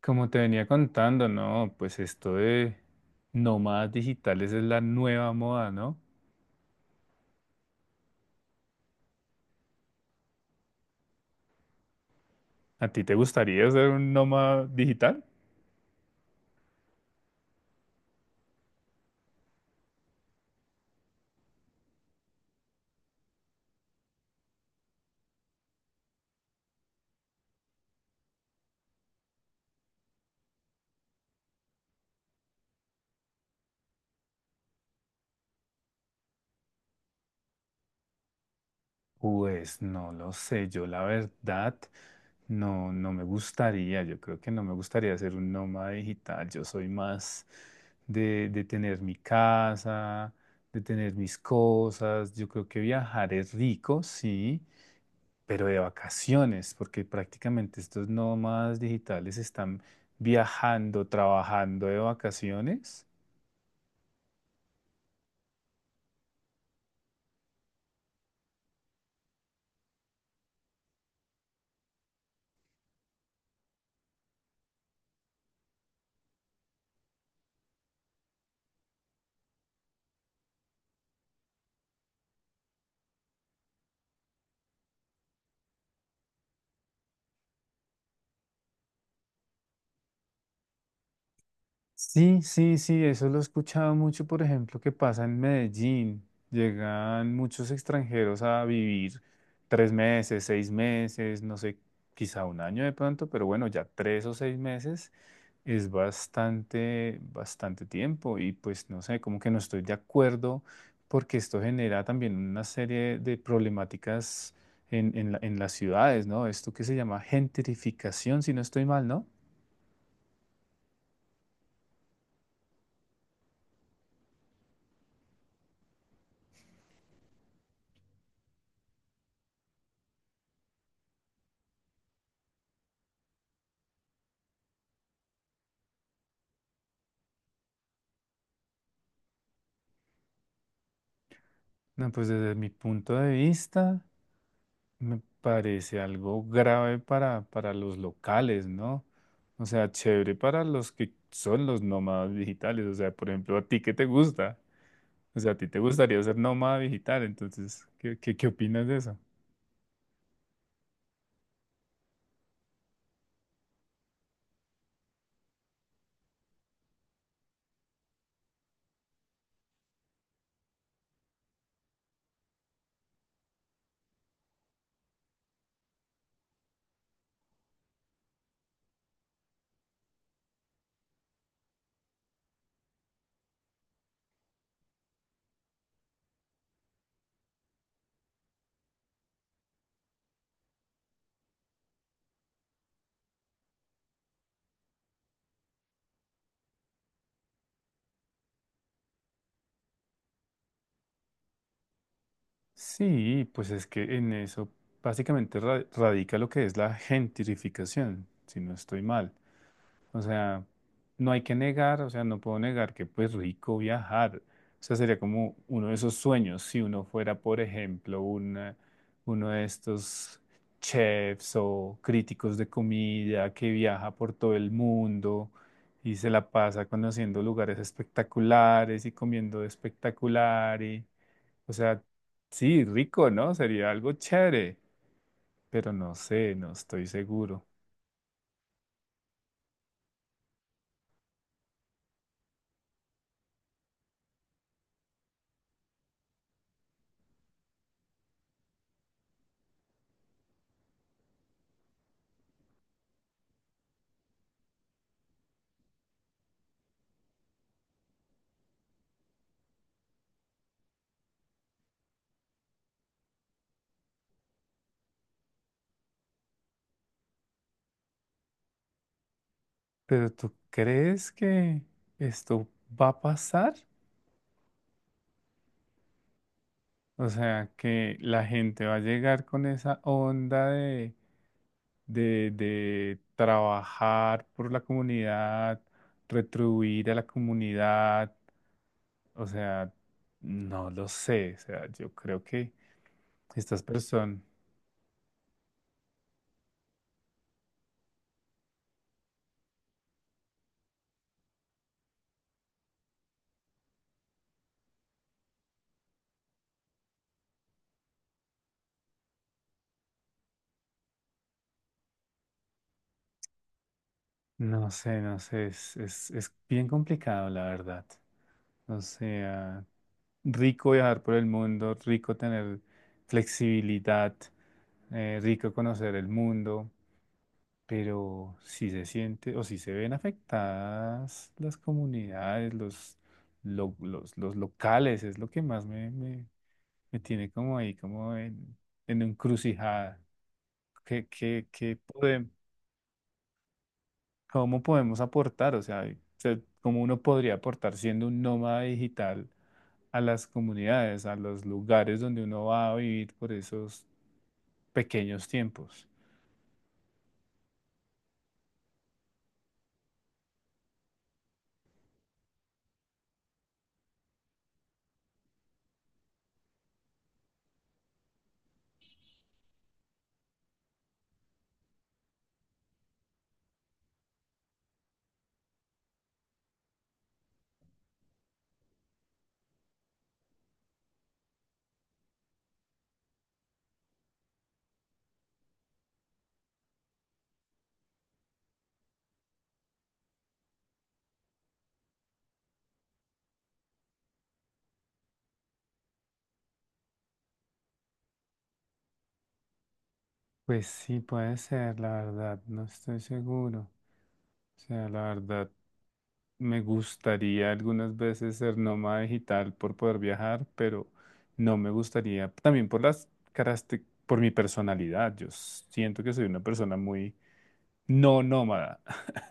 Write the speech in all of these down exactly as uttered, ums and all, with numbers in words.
Como te venía contando, ¿no? Pues esto de nómadas digitales es la nueva moda, ¿no? ¿A ti te gustaría ser un nómada digital? Pues no lo sé, yo la verdad no, no me gustaría, yo creo que no me gustaría ser un nómada digital, yo soy más de, de tener mi casa, de tener mis cosas, yo creo que viajar es rico, sí, pero de vacaciones, porque prácticamente estos nómadas digitales están viajando, trabajando de vacaciones. Sí, sí, sí, eso lo he escuchado mucho, por ejemplo, que pasa en Medellín. Llegan muchos extranjeros a vivir tres meses, seis meses, no sé, quizá un año de pronto, pero bueno, ya tres o seis meses. Es bastante, bastante tiempo y pues no sé, como que no estoy de acuerdo porque esto genera también una serie de problemáticas en, en la- en las ciudades, ¿no? Esto que se llama gentrificación, si no estoy mal, ¿no? No, pues desde mi punto de vista me parece algo grave para, para los locales, ¿no? O sea, chévere para los que son los nómadas digitales, o sea, por ejemplo, a ti que te gusta. O sea, a ti te gustaría ser nómada digital, entonces, ¿qué, qué, qué opinas de eso? Sí, pues es que en eso básicamente ra- radica lo que es la gentrificación, si no estoy mal. O sea, no hay que negar, o sea, no puedo negar que pues rico viajar. O sea, sería como uno de esos sueños si uno fuera, por ejemplo, una- uno de estos chefs o críticos de comida que viaja por todo el mundo y se la pasa conociendo lugares espectaculares y comiendo espectacular y, o sea, sí, rico, ¿no? Sería algo chévere, pero no sé, no estoy seguro. Pero ¿tú crees que esto va a pasar? O sea, que la gente va a llegar con esa onda de, de, de trabajar por la comunidad, retribuir a la comunidad. O sea, no lo sé. O sea, yo creo que estas personas, no sé, no sé, es, es, es bien complicado, la verdad. O sea, rico viajar por el mundo, rico tener flexibilidad, eh, rico conocer el mundo, pero si se siente o si se ven afectadas las comunidades, los, lo- los, los locales, es lo que más me, me, me tiene como ahí, como en, en encrucijada. ¿Qué, qué, qué podemos? ¿Cómo podemos aportar? O sea, se- ¿cómo uno podría aportar siendo un nómada digital a las comunidades, a los lugares donde uno va a vivir por esos pequeños tiempos? Pues sí, puede ser, la verdad, no estoy seguro. O sea, la verdad, me gustaría algunas veces ser nómada digital por poder viajar, pero no me gustaría, también por las características, por mi personalidad. Yo siento que soy una persona muy no nómada.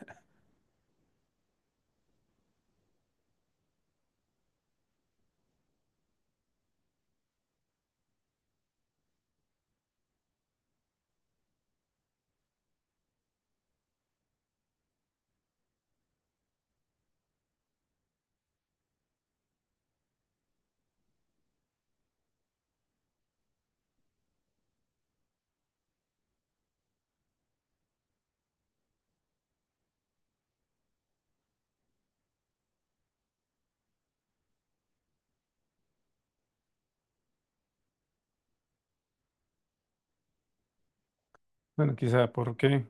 Bueno, quizá porque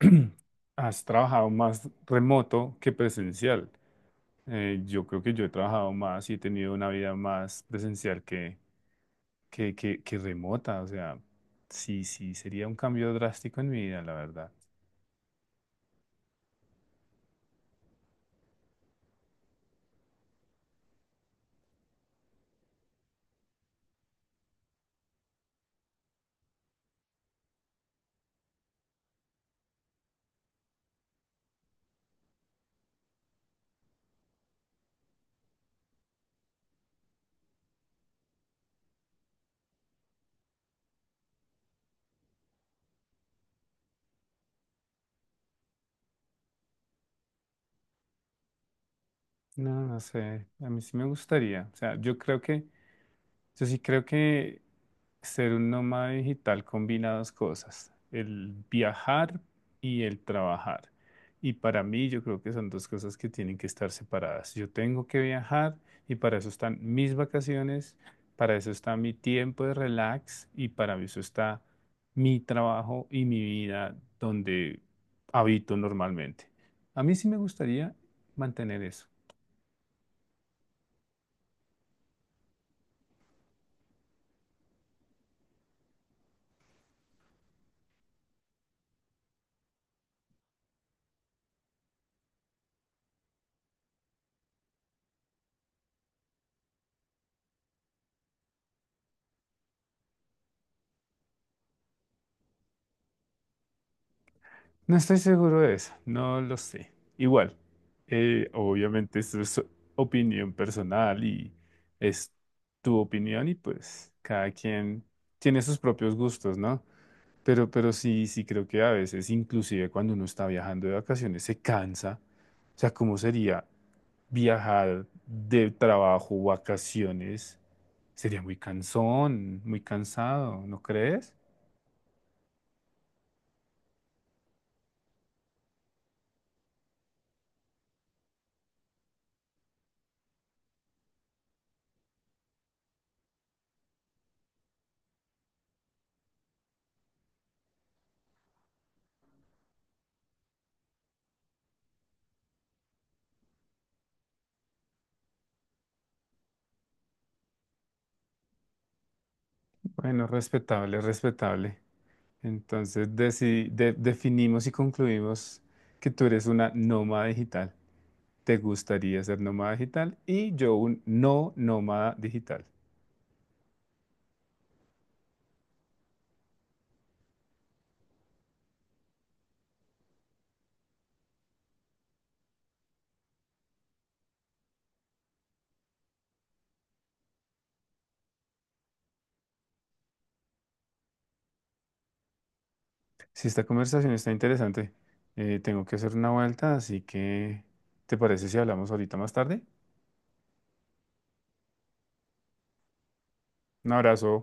has trabajado más remoto que presencial. Eh, yo creo que yo he trabajado más y he tenido una vida más presencial que, que, que, que remota. O sea, sí, sí, sería un cambio drástico en mi vida, la verdad. No, no sé. A mí sí me gustaría. O sea, yo creo que, yo sí creo que ser un nómada digital combina dos cosas, el viajar y el trabajar. Y para mí yo creo que son dos cosas que tienen que estar separadas. Yo tengo que viajar y para eso están mis vacaciones, para eso está mi tiempo de relax y para eso está mi trabajo y mi vida donde habito normalmente. A mí sí me gustaría mantener eso. No estoy seguro de eso, no lo sé. Igual, eh, obviamente esto es opinión personal y es tu opinión y pues cada quien tiene sus propios gustos, ¿no? Pero, pero sí, sí creo que a veces, inclusive cuando uno está viajando de vacaciones, se cansa. O sea, ¿cómo sería viajar de trabajo, vacaciones? Sería muy cansón, muy cansado, ¿no crees? Bueno, respetable, respetable. Entonces deci- de- definimos y concluimos que tú eres una nómada digital. ¿Te gustaría ser nómada digital? Y yo un no nómada digital. Si esta conversación está interesante, eh, tengo que hacer una vuelta, así que ¿te parece si hablamos ahorita más tarde? Un abrazo.